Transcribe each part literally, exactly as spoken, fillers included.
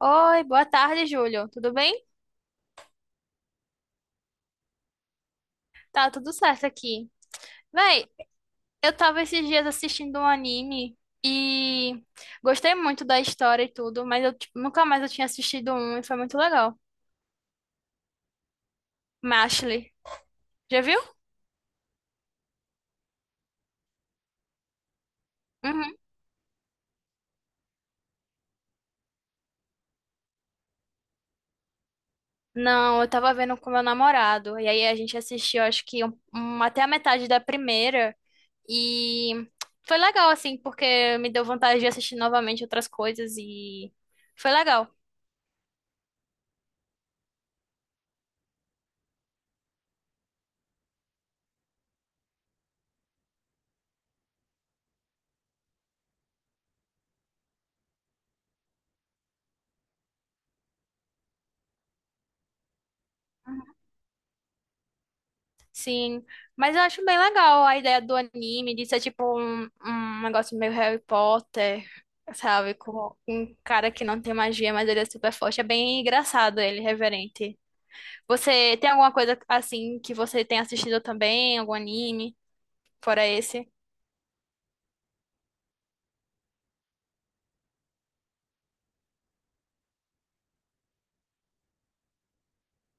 Oi, boa tarde, Júlio. Tudo bem? Tá tudo certo aqui. Véi, eu tava esses dias assistindo um anime e gostei muito da história e tudo, mas eu tipo, nunca mais eu tinha assistido um e foi muito legal. Mashley, já viu? Uhum. Não, eu tava vendo com meu namorado. E aí a gente assistiu, acho que um- um- até a metade da primeira. E foi legal, assim, porque me deu vontade de assistir novamente outras coisas e foi legal. Sim, mas eu acho bem legal a ideia do anime, de ser tipo um, um negócio meio Harry Potter, sabe? Com um cara que não tem magia, mas ele é super forte. É bem engraçado ele, reverente. Você tem alguma coisa assim que você tem assistido também? Algum anime? Fora esse?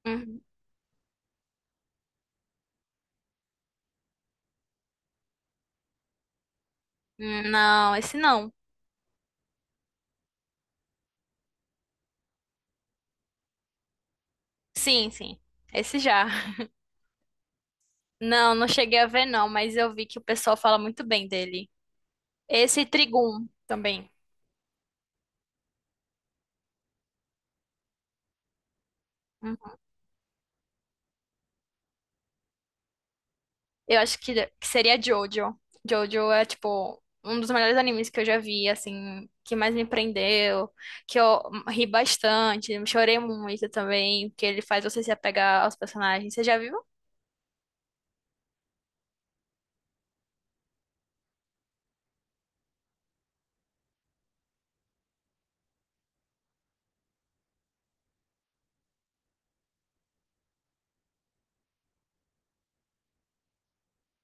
Uhum. Hum, não, esse não. Sim, sim. Esse já. Não, não cheguei a ver não, mas eu vi que o pessoal fala muito bem dele. Esse Trigun também. Eu acho que, que seria Jojo. Jojo é, tipo, um dos melhores animes que eu já vi, assim, que mais me prendeu, que eu ri bastante, chorei muito também, porque ele faz você se apegar aos personagens. Você já viu?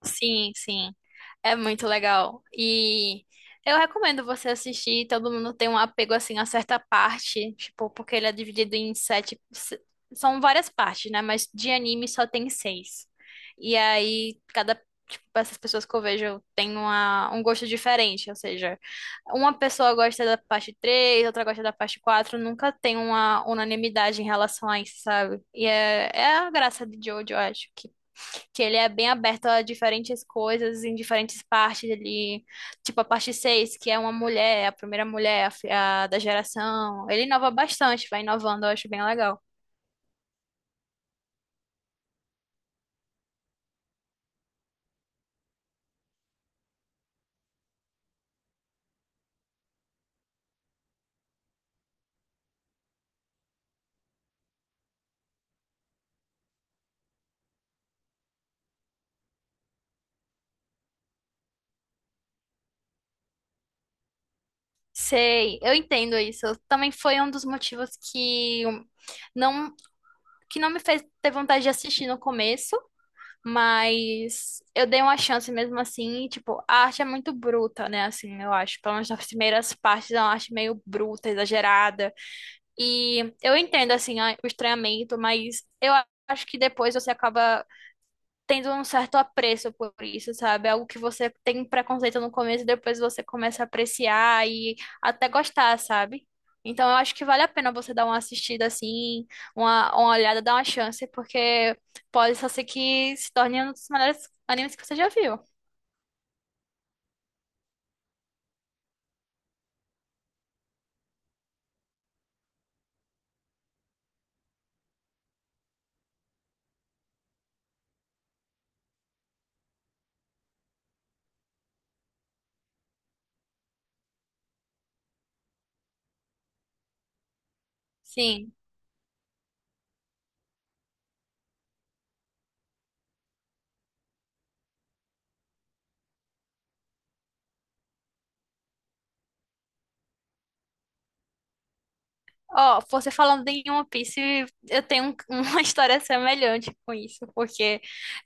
Sim, sim. É muito legal. E eu recomendo você assistir. Todo mundo tem um apego assim a certa parte, tipo, porque ele é dividido em sete. se- São várias partes, né? Mas de anime só tem seis. E aí, cada. Tipo, essas pessoas que eu vejo têm uma, um gosto diferente. Ou seja, uma pessoa gosta da parte três, outra gosta da parte quatro. Nunca tem uma unanimidade em relação a isso, sabe? E é, é a graça de Jojo, eu acho que ele é bem aberto a diferentes coisas em diferentes partes. Ele, tipo a parte seis que é uma mulher, a primeira mulher a fi- a da geração. Ele inova bastante, vai inovando, eu acho bem legal. Sei, eu entendo isso. Também foi um dos motivos que não que não me fez ter vontade de assistir no começo, mas eu dei uma chance mesmo assim, e, tipo, a arte é muito bruta, né? Assim, eu acho, pelo menos nas primeiras partes, é uma arte meio bruta, exagerada. E eu entendo, assim, a- o estranhamento, mas eu a- acho que depois você acaba tendo um certo apreço por isso, sabe? Algo que você tem preconceito no começo e depois você começa a apreciar e até gostar, sabe? Então eu acho que vale a pena você dar uma assistida assim, uma, uma olhada, dar uma chance, porque pode só ser que se torne um dos melhores animes que você já viu. Sim. Ó, você falando em One Piece, eu tenho um- uma história semelhante com isso, porque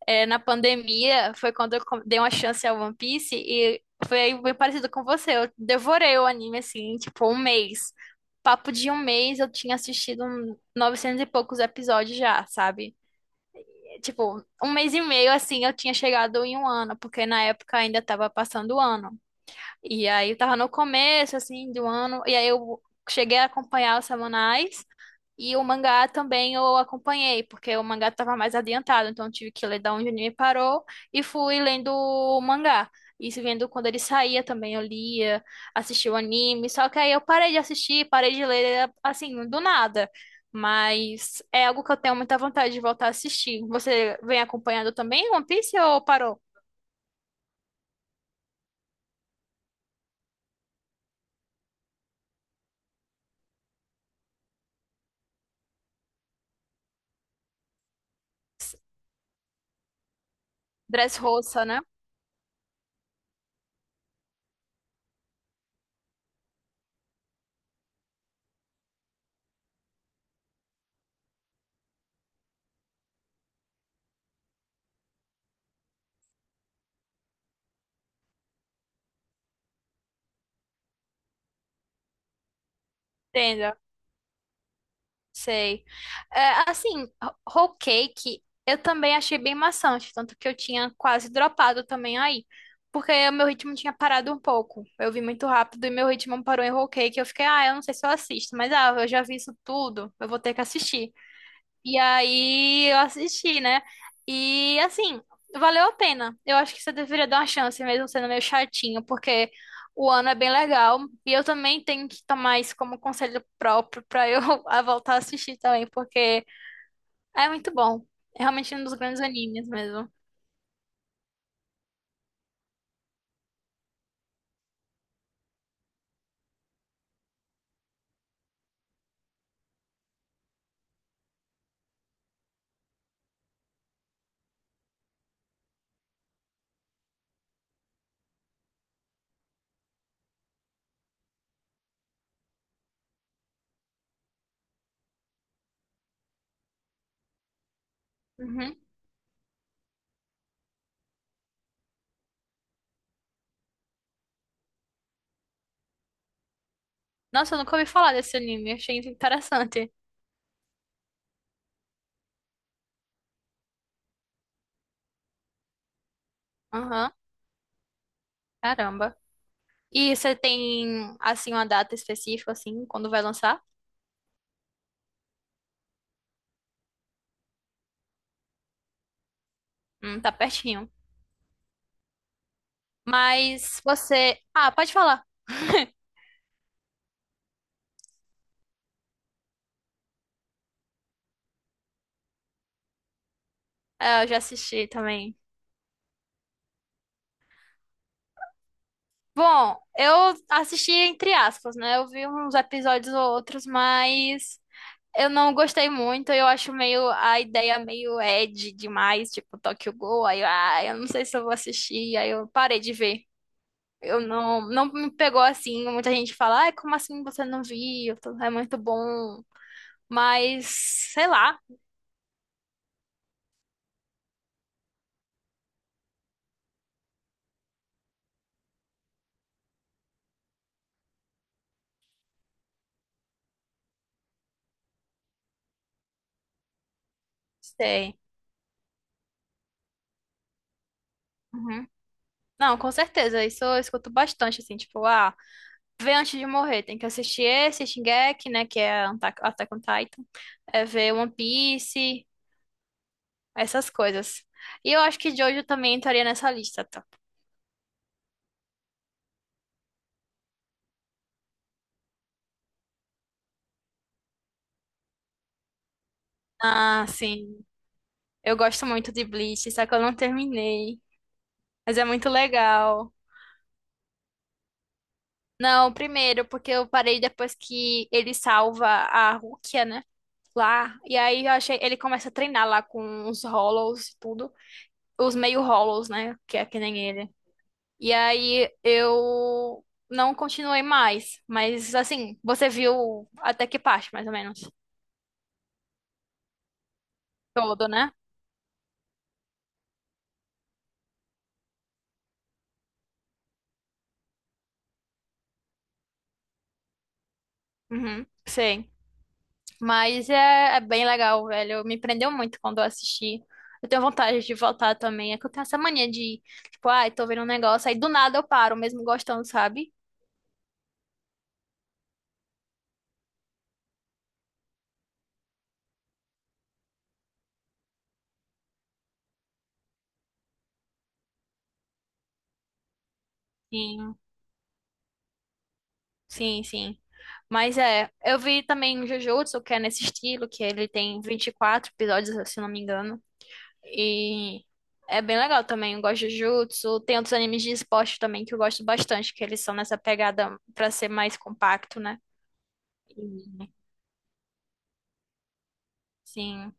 é, na pandemia foi quando eu com- dei uma chance ao One Piece e foi bem parecido com você. Eu devorei o anime assim, em, tipo, um mês. Papo de um mês eu tinha assistido um novecentos e poucos episódios já, sabe? Tipo, um mês e meio assim eu tinha chegado em um ano, porque na época ainda tava passando o ano. E aí eu tava no começo, assim, do ano, e aí eu cheguei a acompanhar os semanais, e o mangá também eu acompanhei, porque o mangá tava mais adiantado, então eu tive que ler da onde o anime parou, e fui lendo o mangá. E se vendo quando ele saía também, eu lia, assistia o anime, só que aí eu parei de assistir, parei de ler, assim, do nada. Mas é algo que eu tenho muita vontade de voltar a assistir. Você vem acompanhando também One Piece ou parou? Dressrosa, né? Entendo. Sei. É, assim, ho- whole cake eu também achei bem maçante, tanto que eu tinha quase dropado também aí, porque o meu ritmo tinha parado um pouco. Eu vi muito rápido e meu ritmo parou em whole cake. Eu fiquei, ah, eu não sei se eu assisto, mas ah, eu já vi isso tudo, eu vou ter que assistir. E aí eu assisti, né? E assim, valeu a pena. Eu acho que você deveria dar uma chance, mesmo sendo meio chatinho, porque o ano é bem legal. E eu também tenho que tomar isso como conselho próprio pra eu a voltar a assistir também, porque é muito bom. É realmente um dos grandes animes mesmo. Uhum. Nossa, eu nunca ouvi falar desse anime, achei interessante. Aham, caramba. E você tem, assim, uma data específica, assim, quando vai lançar? Hum, tá pertinho. Mas você. Ah, pode falar. É, eu já assisti também. Bom, eu assisti entre aspas, né? Eu vi uns episódios ou outros, mas eu não gostei muito. Eu acho meio a ideia meio edgy demais, tipo Tokyo Ghoul. Aí, eu, ah, eu não sei se eu vou assistir. Aí eu parei de ver. Eu não, não me pegou assim. Muita gente fala, ai, como assim você não viu? É muito bom. Mas, sei lá, sei. Uhum. Não, com certeza. Isso eu escuto bastante, assim, tipo, ah. Ver antes de morrer. Tem que assistir esse, Shingeki, né? Que é Attack Attack on Titan. É ver One Piece, essas coisas. E eu acho que Jojo também entraria nessa lista, tá? Ah, sim. Eu gosto muito de Bleach, só que eu não terminei. Mas é muito legal. Não, primeiro, porque eu parei depois que ele salva a Rukia, né? Lá. E aí eu achei. Ele começa a treinar lá com os Hollows e tudo. Os meio Hollows, né? Que é que nem ele. E aí eu não continuei mais. Mas assim, você viu até que parte, mais ou menos? Todo, né? Uhum, sei. Mas é, é bem legal, velho. Me prendeu muito quando eu assisti. Eu tenho vontade de voltar também. É que eu tenho essa mania de, tipo, ai, tô vendo um negócio, aí do nada eu paro, mesmo gostando, sabe? Sim, sim, sim. Mas é, eu vi também o Jujutsu, que é nesse estilo, que ele tem vinte e quatro episódios, se eu não me engano. E é bem legal também. Eu gosto de Jujutsu. Tem outros animes de esporte também que eu gosto bastante, que eles são nessa pegada pra ser mais compacto, né? E, sim.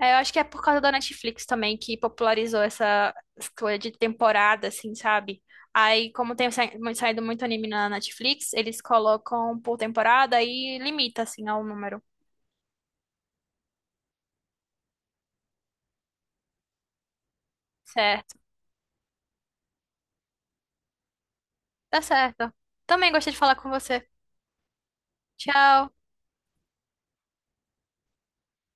É, eu acho que é por causa da Netflix também que popularizou essa escolha de temporada, assim, sabe? Aí, como tem sa- mu- saído muito anime na Netflix, eles colocam por temporada e limita, assim, ao número. Certo. Tá certo. Também gostei de falar com você. Tchau.